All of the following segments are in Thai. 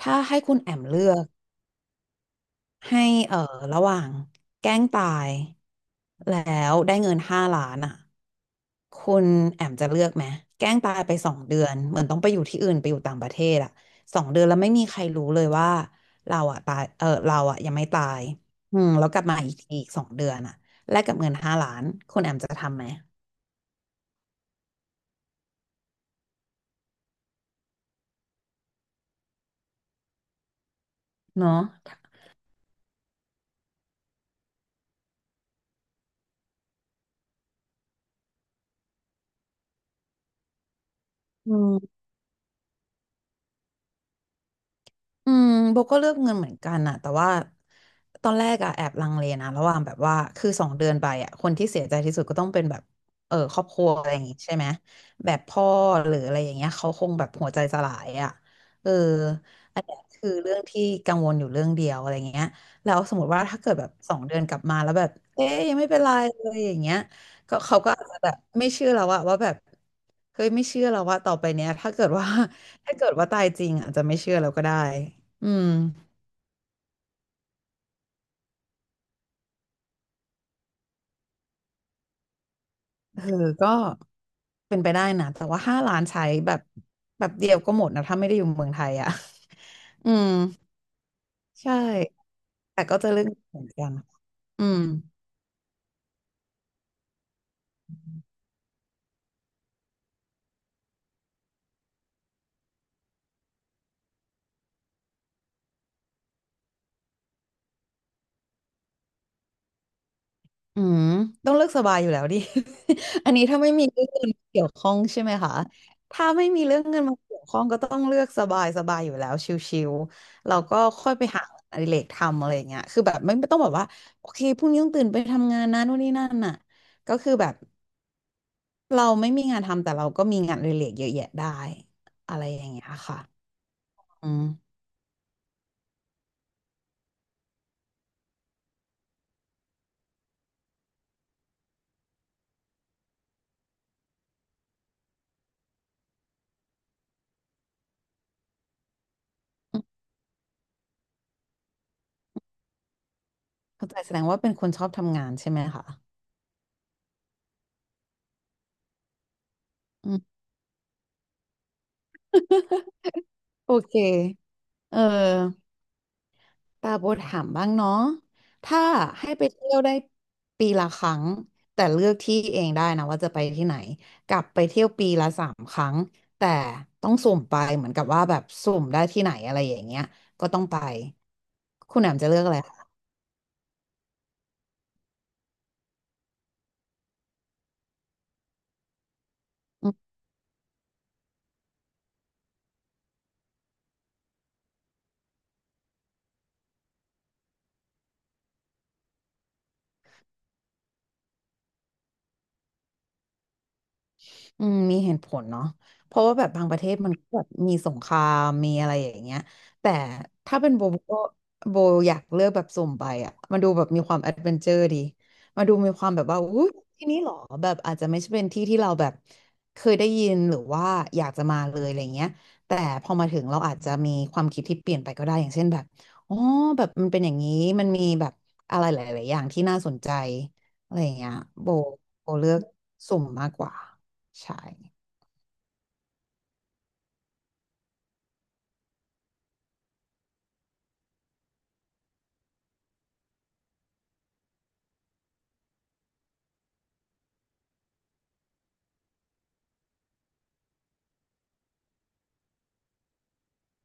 ถ้าให้คุณแอมเลือกให้เอ่อระหว่างแกล้งตายแล้วได้เงินห้าล้านอ่ะคุณแอมจะเลือกไหมแกล้งตายไปสองเดือนเหมือนต้องไปอยู่ที่อื่นไปอยู่ต่างประเทศอ่ะสองเดือนแล้วไม่มีใครรู้เลยว่าเราอ่ะตายเออเราอ่ะยังไม่ตายอืมแล้วกลับมาอีกทีอีกสองเดือนอ่ะแลกกับเงินห้าล้านคุณแอมจะทำไหมเนาะอืม อืมโบก็เลือกเงินเหมือนกันอะแต่ว่าตอนแรกอะแอบลังเลนะระหว่างแบบว่าคือสองเดือนไปอะคนที่เสียใจที่สุดก็ต้องเป็นแบบเออครอบครัวอะไรอย่างงี้ใช่ไหมแบบพ่อหรืออะไรอย่างเงี้ยเขาคงแบบหัวใจสลายอะเอออันเนี้ยคือเรื่องที่กังวลอยู่เรื่องเดียวอะไรเงี้ยแล้วสมมติว่าถ้าเกิดแบบสองเดือนกลับมาแล้วแบบเอ๊ยยังไม่เป็นไรเลยอย่างเงี้ยก็เขาก็อาจจะแบบไม่เชื่อแล้วว่าแบบเฮ้ยไม่เชื่อแล้วว่าต่อไปเนี้ยถ้าเกิดว่าตายจริงอาจจะไม่เชื่อแล้วก็ได้อืมเออก็เป็นไปได้นะแต่ว่าห้าล้านใช้แบบแบบเดียวก็หมดนะถ้าไม่ได้อยู่เมืองไทยอ่ะ อืม ใช่ แต่ก็จะเรื่องเหมือนกันอืม อืมต้องเลือกสบายอยู่แล้วดิ อันนี้ถ้าไม่มีเรื่องเงินมาเกี่ยวข้องใช่ไหมคะถ้าไม่มีเรื่องเงินมาเกี่ยวข้องก็ต้องเลือกสบายสบายอยู่แล้วชิวๆเราก็ค่อยไปหาอดิเรกทำอะไรอย่างเงี้ยคือแบบไม่ต้องแบบว่าโอเคพรุ่งนี้ต้องตื่นไปทำงานนะนู่นนี่นั่นน่ะก็คือแบบเราไม่มีงานทำแต่เราก็มีงานอดิเรกเยอะแยะได้อะไรอย่างเงี้ยค่ะอืมเข้าใจแสดงว่าเป็นคนชอบทำงานใช่ไหมคะอืมโอเคเออ ปาโบถามบ้างเนาะถ้าให้ไปเที่ยวได้ปีละครั้งแต่เลือกที่เองได้นะว่าจะไปที่ไหน กลับไปเที่ยวปีละ 3 ครั้งแต่ต้องสุ่มไปเหมือนกับว่าแบบสุ่มได้ที่ไหนอะไรอย่างเงี้ยก็ต้องไปคุณแหม่มจะเลือกอะไรคะ อืมมีเหตุผลเนาะเพราะว่าแบบบางประเทศมันก็แบบมีสงครามมีอะไรอย่างเงี้ย แต่ถ้าเป็นโบโบก็โบอยากเลือกแบบสุ่มไปอ่ะมันดูแบบมีความแอดเวนเจอร์ดีมาดูมีความแบบว่าอุ้ยที่นี่เหรอแบบอาจจะไม่ใช่เป็นที่ที่เราแบบเคยได้ยินหรือว่าอยากจะมาเลยอะไรเงี้ยแต่พอมาถึงเราอาจจะมีความคิดที่เปลี่ยนไปก็ได้ อย่างเช่นแบบอ๋อแบบมันเป็นอย่างนี้มันมีแบบอะไรหลายๆอย่างที่น่าสนใจอะไรอย่างเงี้ยโบโบเลือกสุ่มมากกว่า ใช่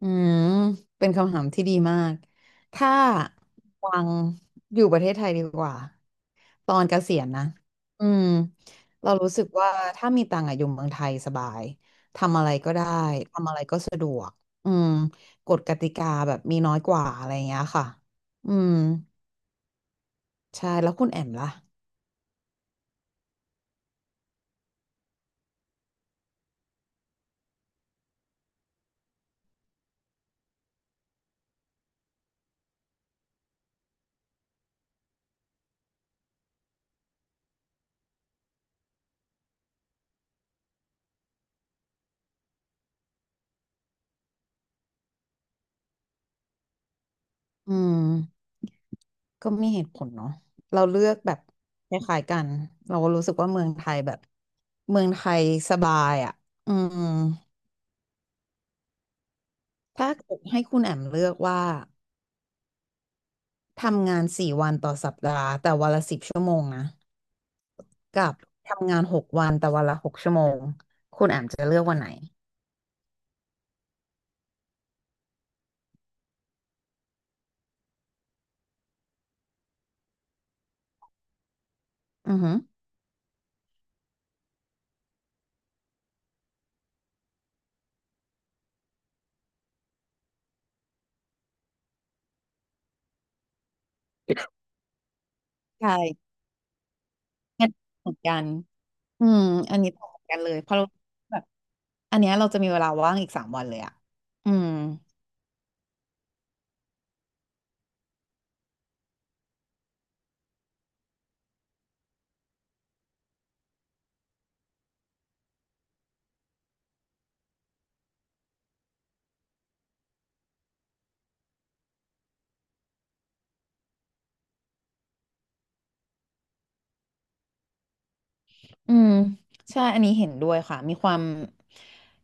อืมเป็นคำถามที่ดีมาก ถ้าวังอยู่ประเทศไทยดีกว่า ตอนเกษียณนะ อืม เรารู้สึกว่าถ้ามีตังค์อะอยู่เมืองไทยสบาย ทำอะไรก็ได้ ทำอะไรก็สะดวก อืมกฎกติกาแบบมีน้อยกว่าอะไรอย่างเงี้ยค่ะ อืม ใช่ แล้วคุณแอมล่ะอืม ก็มีเหตุผลเนาะเราเลือกแบบคล้ายๆกันเรารู้สึกว่าเมืองไทยแบบเมืองไทยสบายอ่ะอืมถ้าเกิดให้คุณแอมเลือกว่าทำงานสี่วันต่อสัปดาห์แต่วันละ10 ชั่วโมงนะกับทำงาน6 วันแต่วันละ6 ชั่วโมงคุณแอมจะเลือกวันไหนอือหือใช่งั้นเหมือนกันอืมอันนี้ต่างกันเลยเพราะเราแบบอันเนี้ยเราจะมีเวลาว่างอีกสามวันเลยอ่ะอืม อืมใช่อันนี้เห็นด้วยค่ะมีความ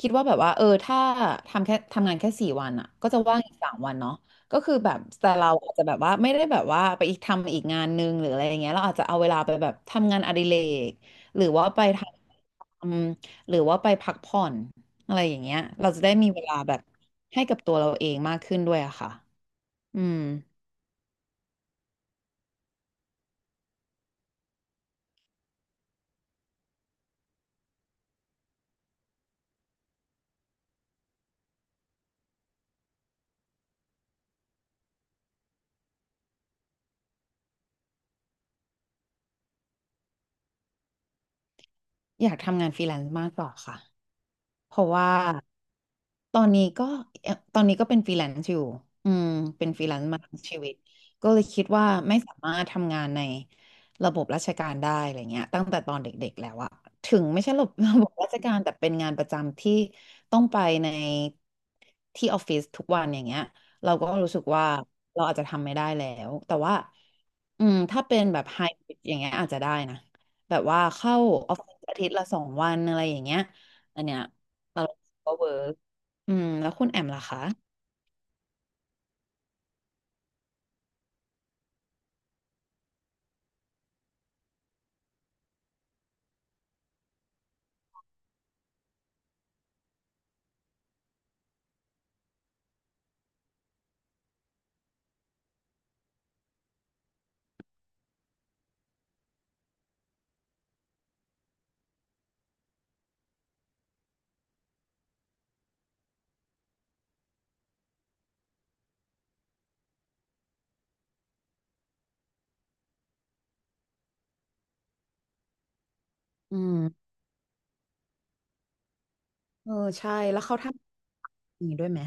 คิดว่าแบบว่าเออถ้าทำแค่ทำงานแค่สี่วันอ่ะก็จะว่างอีกสามวันเนาะก็คือแบบแต่เราอาจจะแบบว่าไม่ได้แบบว่าไปอีกทำอีกงานนึงหรืออะไรอย่างเงี้ยเราอาจจะเอาเวลาไปแบบทำงานอดิเรกหรือว่าไปทำหรือว่าไปพักผ่อนอะไรอย่างเงี้ยเราจะได้มีเวลาแบบให้กับตัวเราเองมากขึ้นด้วยอะค่ะอืมอยากทำงานฟรีแลนซ์มากกว่าค่ะ เพราะว่าตอนนี้ก็ตอนนี้ก็เป็นฟรีแลนซ์อยู่อืมเป็นฟรีแลนซ์มาทั้งชีวิตก็เลยคิดว่าไม่สามารถทำงานในระบบราชการได้อะไรเงี้ยตั้งแต่ตอนเด็กๆแล้วอะถึงไม่ใช่ระบบ ระบบราชการแต่เป็นงานประจำที่ต้องไปในที่ออฟฟิศทุกวันอย่างเงี้ยเราก็รู้สึกว่าเราอาจจะทำไม่ได้แล้วแต่ว่าถ้าเป็นแบบไฮบริดอย่างเงี้ยอาจจะได้นะแบบว่าเข้าออฟฟิศอาทิตย์ละสองวันอะไรอย่างเงี้ยอันเนี้ย เราก็เวิร์กอืมแล้วคุณแอมล่ะคะอืมเออใช่ แล้วเขาทำอย่างนี้ด้วยไหม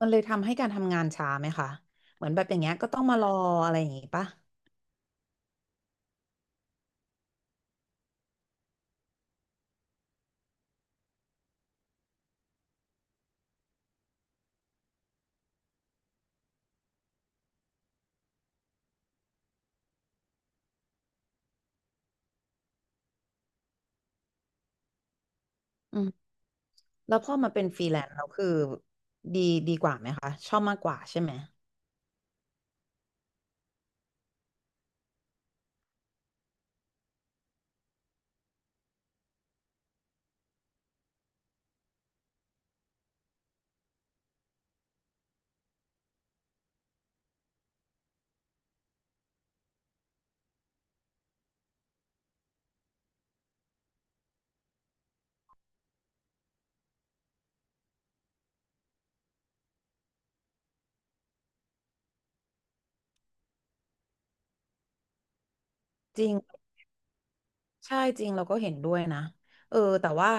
มันเลยทำให้การทำงานช้าไหมคะ เหมือนแบบอย่างเงี้ยก็ต้องมารออะไรอย่างงี้ปะอืมแล้วพอมาเป็นฟรีแลนซ์เราคือดีดีกว่าไหมคะ ชอบมากกว่าใช่ไหมจริง ใช่จริงเราก็เห็นด้วยนะเออแต่ว่า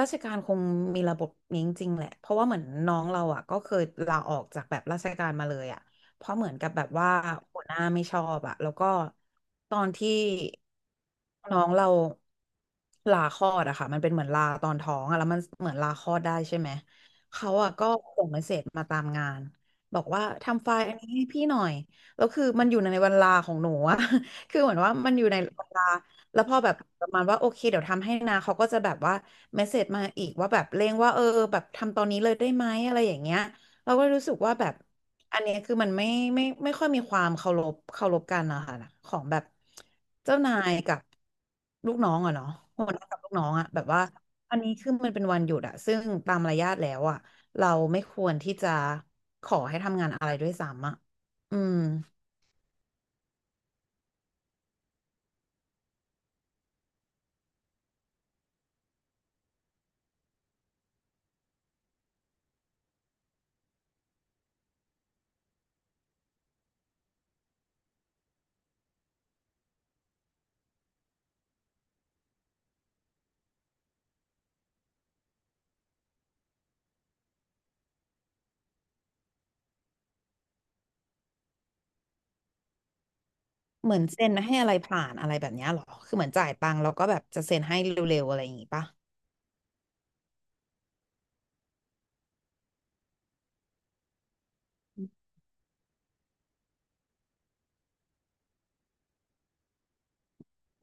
ราชการคงมีระบบนี้จริงๆแหละเพราะว่าเหมือนน้องเราอ่ะก็เคยลาออกจากแบบราชการมาเลยอ่ะเพราะเหมือนกับแบบว่าหัวหน้าไม่ชอบอ่ะแล้วก็ตอนที่น้องเราลาคลอดอะค่ะมันเป็นเหมือนลาตอนท้องอะแล้วมันเหมือนลาคลอดได้ใช่ไหมเขาอ่ะก็ส่งเมสเสจมาตามงานบอกว่าทำไฟล์อันนี้ให้พี่หน่อยแล้วคือมันอยู่ในเวลาของหนูอะ คือเหมือนว่ามันอยู่ในเวลา แล้วพอแบบประมาณว่าโอเคเดี๋ยวทำให้นะเขาก็จะแบบว่าเมสเสจมาอีกว่าแบบเร่งว่าเออแบบทำตอนนี้เลยได้ไหมอะไรอย่างเงี้ยเราก็รู้สึกว่าแบบอันเนี้ยคือมันไม่ไม่ค่อยมีความเคารพกันนะคะของแบบเจ้านายกับลูกน้องอะเนาะหัวหน้ากับลูกน้องอะแบบว่าอันนี้คือมันเป็นวันหยุดอะซึ่งตามมารยาทแล้วอะเราไม่ควรที่จะขอให้ทำงานอะไรด้วยซ้ำอะอืม เหมือนเซ็นให้อะไรผ่านอะไรแบบเนี้ยเหรอ คือเหมือนจ่ายตังค์แล้วก็แบบจะเซ็นให้เร็วๆอะไรอย่างงี้ป่ะ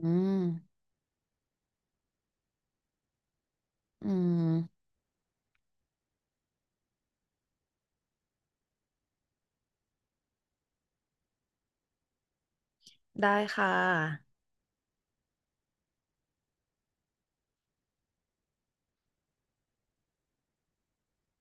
อืมอืมได้ค่ะ